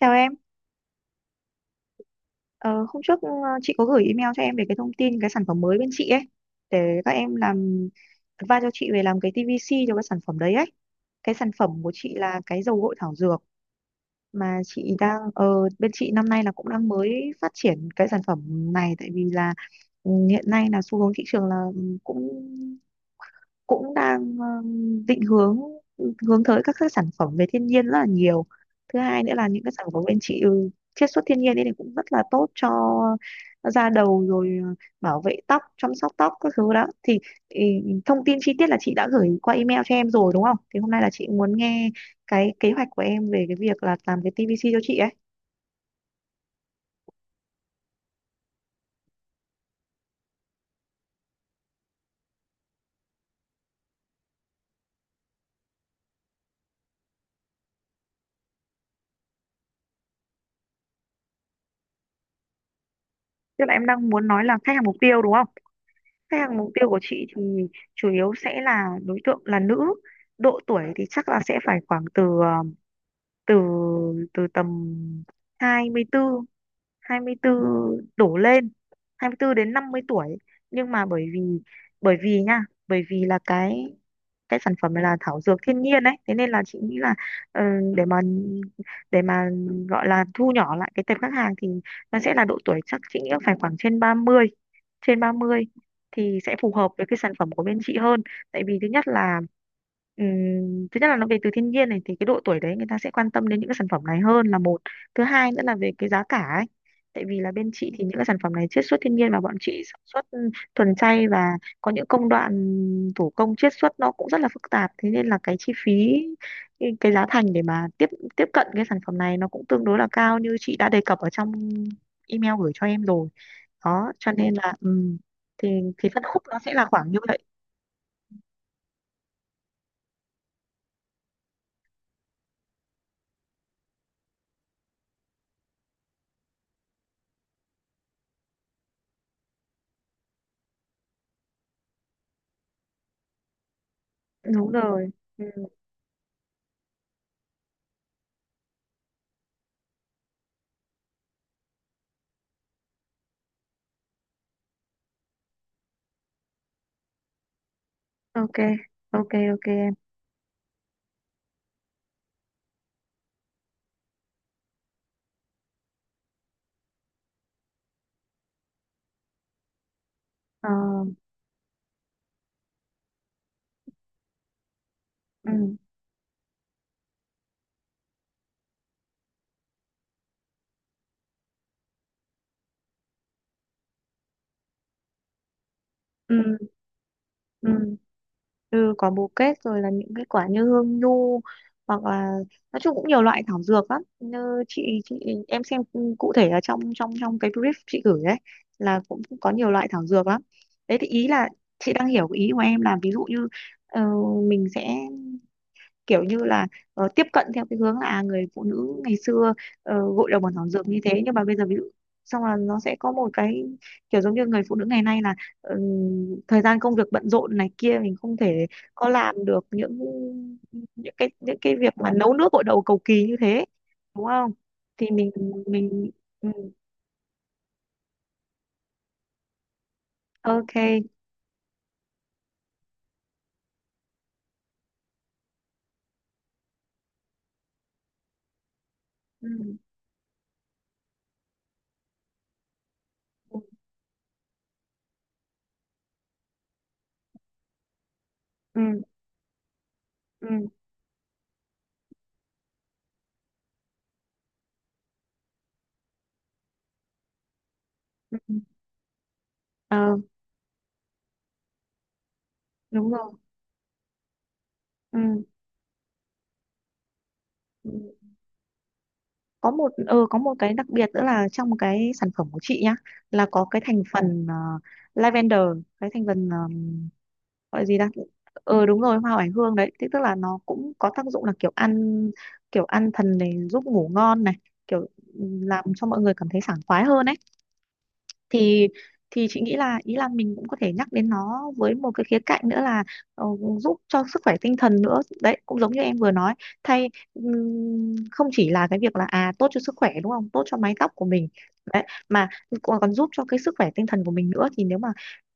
Chào em. Ờ, Hôm trước, chị có gửi email cho em về cái thông tin cái sản phẩm mới bên chị ấy, để các em làm advice cho chị về làm cái TVC cho cái sản phẩm đấy ấy. Cái sản phẩm của chị là cái dầu gội thảo dược mà chị đang, bên chị năm nay là cũng đang mới phát triển cái sản phẩm này, tại vì là hiện nay là xu hướng thị trường là cũng cũng đang định hướng, hướng tới các cái sản phẩm về thiên nhiên rất là nhiều. Thứ hai nữa là những cái sản phẩm bên chị chiết xuất thiên nhiên ấy thì cũng rất là tốt cho da đầu rồi, bảo vệ tóc, chăm sóc tóc các thứ đó. Thì thông tin chi tiết là chị đã gửi qua email cho em rồi đúng không, thì hôm nay là chị muốn nghe cái kế hoạch của em về cái việc là làm cái TVC cho chị ấy. Tức là em đang muốn nói là khách hàng mục tiêu đúng không. Khách hàng mục tiêu của chị thì chủ yếu sẽ là đối tượng là nữ. Độ tuổi thì chắc là sẽ phải khoảng từ từ từ tầm 24 24 đổ lên, 24 đến 50 tuổi, nhưng mà bởi vì nha bởi vì là cái sản phẩm này là thảo dược thiên nhiên đấy, thế nên là chị nghĩ là ờ, để mà để mà gọi là thu nhỏ lại cái tệp khách hàng thì nó sẽ là độ tuổi chắc chị nghĩ là phải khoảng trên 30, trên 30 thì sẽ phù hợp với cái sản phẩm của bên chị hơn. Tại vì thứ nhất là nó về từ thiên nhiên này thì cái độ tuổi đấy người ta sẽ quan tâm đến những cái sản phẩm này hơn là một. Thứ hai nữa là về cái giá cả ấy, tại vì là bên chị thì những cái sản phẩm này chiết xuất thiên nhiên và bọn chị sản xuất thuần chay, và có những công đoạn thủ công chiết xuất nó cũng rất là phức tạp, thế nên là cái chi phí, cái giá thành để mà tiếp tiếp cận cái sản phẩm này nó cũng tương đối là cao như chị đã đề cập ở trong email gửi cho em rồi. Đó, cho nên là thì phân khúc nó sẽ là khoảng như vậy. Đúng rồi. Ừm, ok, ok, ok em. Ờ, ừm, ừm, ừm. Có bồ kết rồi, là những cái quả như hương nhu, hoặc là nói chung cũng nhiều loại thảo dược lắm, như chị em xem cụ thể là trong, trong trong cái brief chị gửi đấy là cũng có nhiều loại thảo dược lắm. Đấy, thì ý là chị đang hiểu cái ý của em là, ví dụ như ờ, mình sẽ kiểu như là tiếp cận theo cái hướng là, người phụ nữ ngày xưa gội đầu bằng thảo dược như thế, nhưng mà bây giờ ví dụ xong là nó sẽ có một cái kiểu giống như người phụ nữ ngày nay là, thời gian công việc bận rộn này kia mình không thể có làm được những, những cái việc mà nấu nước gội đầu cầu kỳ như thế, đúng không. Thì mình. ừ, ok. ừ, ừ, ừ, ừ. ừ. Ờ, đúng rồi. ừ. ừ. Có một, có một cái đặc biệt nữa là trong cái sản phẩm của chị nhá, là có cái thành phần lavender, cái thành phần, gọi gì ta. Ờ, đúng rồi, hoa oải hương đấy. Thế tức là nó cũng có tác dụng là kiểu ăn, thần này, giúp ngủ ngon này, kiểu, làm cho mọi người cảm thấy sảng khoái hơn ấy. Thì chị nghĩ là ý là mình cũng có thể nhắc đến nó với một cái khía cạnh nữa là ờ, giúp cho sức khỏe tinh thần nữa đấy, cũng giống như em vừa nói. Thay, không chỉ là cái việc là à tốt cho sức khỏe đúng không, tốt cho mái tóc của mình đấy, mà còn còn giúp cho cái sức khỏe tinh thần của mình nữa. Thì nếu mà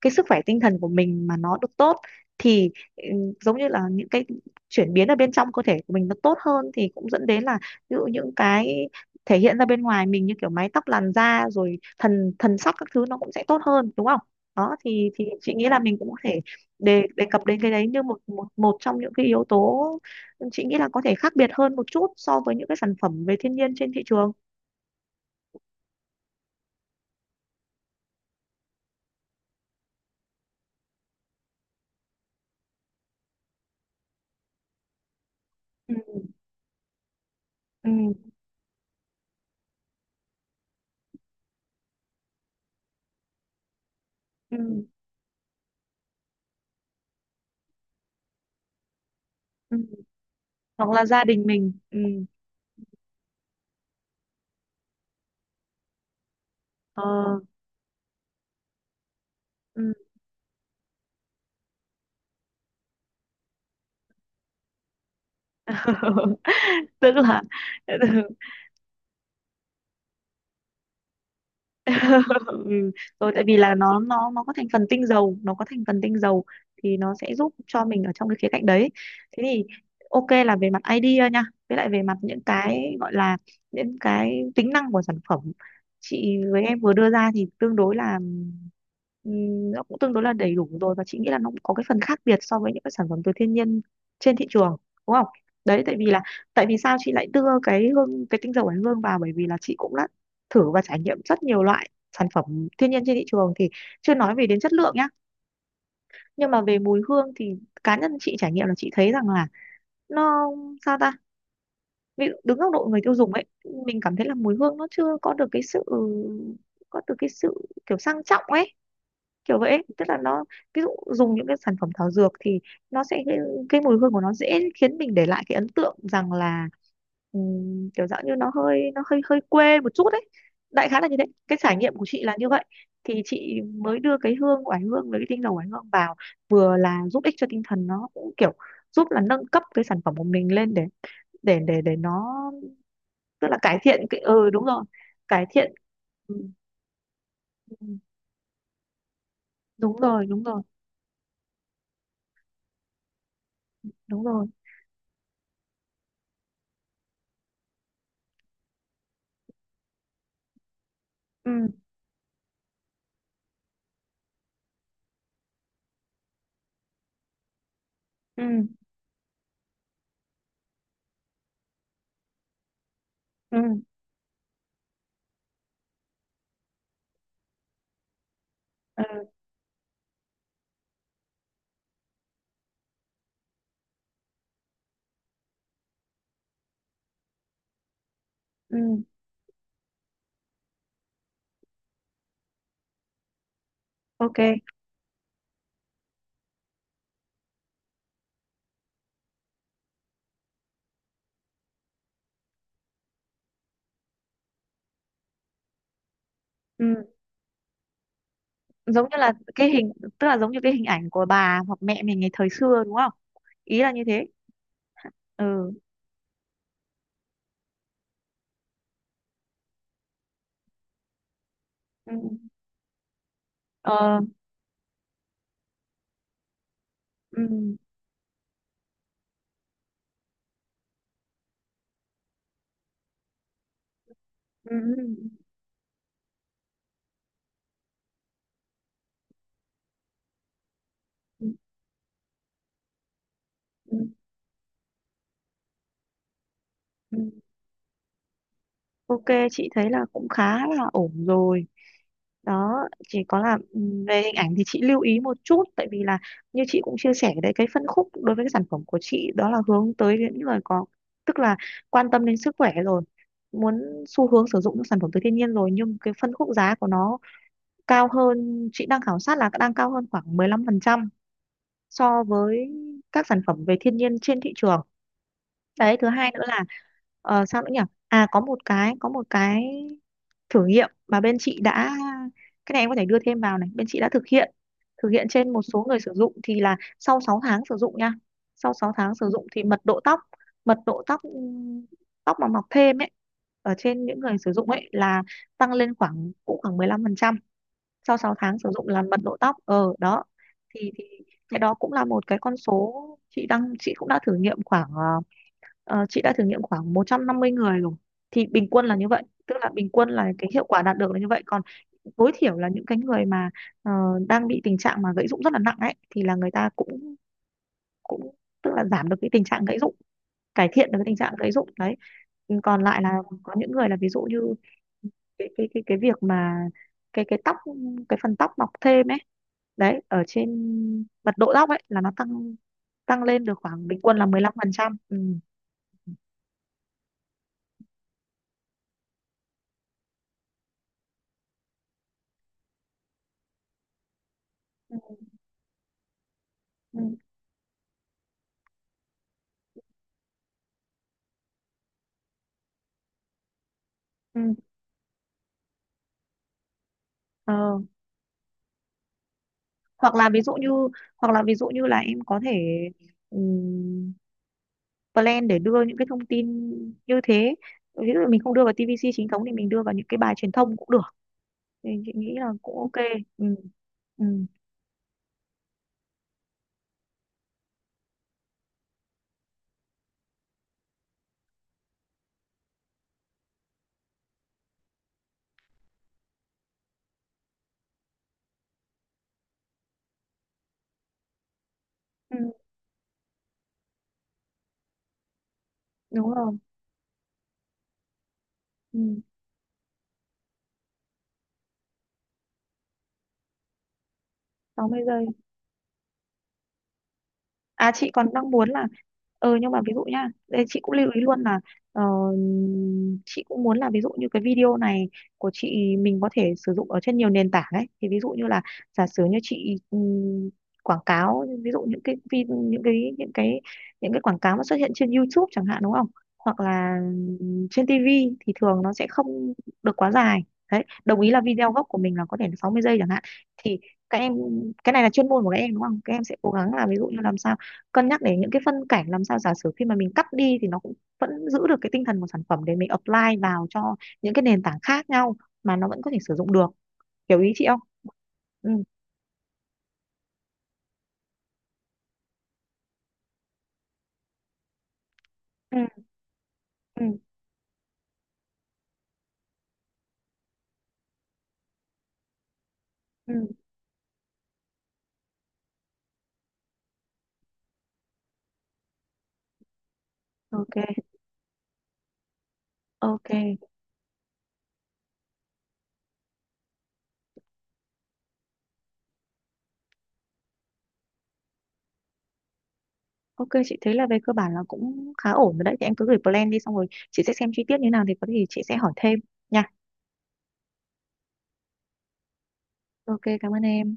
cái sức khỏe tinh thần của mình mà nó được tốt thì giống như là những cái chuyển biến ở bên trong cơ thể của mình nó tốt hơn, thì cũng dẫn đến là ví dụ những cái thể hiện ra bên ngoài mình như kiểu mái tóc, làn da rồi thần thần sắc các thứ nó cũng sẽ tốt hơn đúng không. Đó, thì chị nghĩ là mình cũng có thể, đề đề cập đến cái đấy như một một một trong những cái yếu tố chị nghĩ là có thể khác biệt hơn một chút so với những cái sản phẩm về thiên nhiên trên thị trường. ừ ừ ừ, ừ. Hoặc là gia đình mình. Ừ ờ ừ. Tức là. ừ. Rồi. Tại vì là nó có thành phần tinh dầu, thì nó sẽ giúp cho mình ở trong cái khía cạnh đấy. Thế thì, ok, là về mặt idea nha, với lại về mặt những cái gọi là những cái tính năng của sản phẩm chị với em vừa đưa ra thì tương đối là, nó cũng tương đối là đầy đủ rồi, và chị nghĩ là nó cũng có cái phần khác biệt so với những cái sản phẩm từ thiên nhiên trên thị trường, đúng không. Đấy, tại vì là, tại vì sao chị lại đưa cái hương, cái tinh dầu oải hương vào, bởi vì là chị cũng đã thử và trải nghiệm rất nhiều loại sản phẩm thiên nhiên trên thị trường, thì chưa nói về đến chất lượng nhá, nhưng mà về mùi hương thì cá nhân chị trải nghiệm là chị thấy rằng là nó, sao ta, ví dụ đứng góc độ người tiêu dùng ấy, mình cảm thấy là mùi hương nó chưa có được cái sự, có được cái sự kiểu sang trọng ấy, kiểu vậy ấy. Tức là nó, ví dụ dùng những cái sản phẩm thảo dược thì nó sẽ cái mùi hương của nó dễ khiến mình để lại cái ấn tượng rằng là, kiểu dạng như nó hơi hơi quê một chút đấy, đại khái là như thế, cái trải nghiệm của chị là như vậy. Thì chị mới đưa cái hương oải hương với cái tinh dầu oải hương vào, vừa là giúp ích cho tinh thần, nó cũng kiểu giúp là nâng cấp cái sản phẩm của mình lên để, nó, tức là cải thiện cái, đúng rồi, cải thiện. ừ, ừ, Đúng rồi, đúng rồi, đúng rồi. ừ ừ ừ ừ ừ ok. ừ. Giống như là cái hình, tức là giống như cái hình ảnh của bà hoặc mẹ mình ngày thời xưa đúng không, ý là như thế. Ừ ừ ờ ừ ừ ừ ừ ừ, ừ. Ok, chị thấy là cũng khá là ổn rồi. Đó, chỉ có là về hình ảnh thì chị lưu ý một chút, tại vì là như chị cũng chia sẻ đấy, cái phân khúc đối với cái sản phẩm của chị đó là hướng tới những người có, tức là quan tâm đến sức khỏe rồi, muốn xu hướng sử dụng những sản phẩm từ thiên nhiên rồi, nhưng cái phân khúc giá của nó cao hơn, chị đang khảo sát là đang cao hơn khoảng 15% so với các sản phẩm về thiên nhiên trên thị trường. Đấy, thứ hai nữa là, sao nữa nhỉ, à có một cái, thử nghiệm mà bên chị đã, cái này em có thể đưa thêm vào này, bên chị đã thực hiện, trên một số người sử dụng, thì là sau 6 tháng sử dụng nha, sau 6 tháng sử dụng thì mật độ tóc, mật độ tóc ừm, tóc mà mọc thêm ấy ở trên những người sử dụng ấy là tăng lên khoảng cũng khoảng 15%. Sau 6 tháng sử dụng là mật độ tóc, đó. Thì cái đó cũng là một cái con số, chị đang, chị cũng đã thử nghiệm khoảng ờ, chị đã thử nghiệm khoảng 150 người rồi, thì bình quân là như vậy, tức là bình quân là cái hiệu quả đạt được là như vậy. Còn tối thiểu là những cái người mà ờ, đang bị tình trạng mà gãy rụng rất là nặng ấy thì là người ta cũng, cũng, tức là giảm được cái tình trạng gãy rụng, cải thiện được cái tình trạng gãy rụng đấy. Còn lại là có những người là, ví dụ như cái việc mà, cái tóc, cái phần tóc mọc thêm ấy, đấy ở trên mật độ tóc ấy là nó tăng, tăng lên được khoảng bình quân là 15%. Ừ. Ừ. ừ. Ờ, hoặc là ví dụ như, hoặc là ví dụ như là em có thể, ừm, plan để đưa những cái thông tin như thế, ví dụ mình không đưa vào TVC chính thống thì mình đưa vào những cái bài truyền thông cũng được, thì chị nghĩ là cũng ok. ừ. Ừ. Ừ. Đúng rồi. ừ. 60 giây. À chị còn đang muốn là, nhưng mà ví dụ nhá, đây chị cũng lưu ý luôn là ờ, chị cũng muốn là ví dụ như cái video này của chị mình có thể sử dụng ở trên nhiều nền tảng ấy. Thì ví dụ như là giả sử như chị quảng cáo, ví dụ những cái những cái, những cái quảng cáo mà xuất hiện trên YouTube chẳng hạn đúng không? Hoặc là trên TV thì thường nó sẽ không được quá dài. Đấy, đồng ý là video gốc của mình là có thể là 60 giây chẳng hạn, thì các em, cái này là chuyên môn của các em đúng không? Các em sẽ cố gắng là ví dụ như làm sao cân nhắc đến những cái phân cảnh làm sao giả sử khi mà mình cắt đi thì nó cũng vẫn giữ được cái tinh thần của sản phẩm, để mình apply vào cho những cái nền tảng khác nhau mà nó vẫn có thể sử dụng được, hiểu ý chị không. ừ ừ ừ ừ ok. Ok, ok, chị thấy là về cơ bản là cũng khá ổn rồi, đấy thì em cứ gửi plan đi xong rồi chị sẽ xem chi tiết như nào, thì có gì chị sẽ hỏi thêm nha. Ok, cảm ơn em.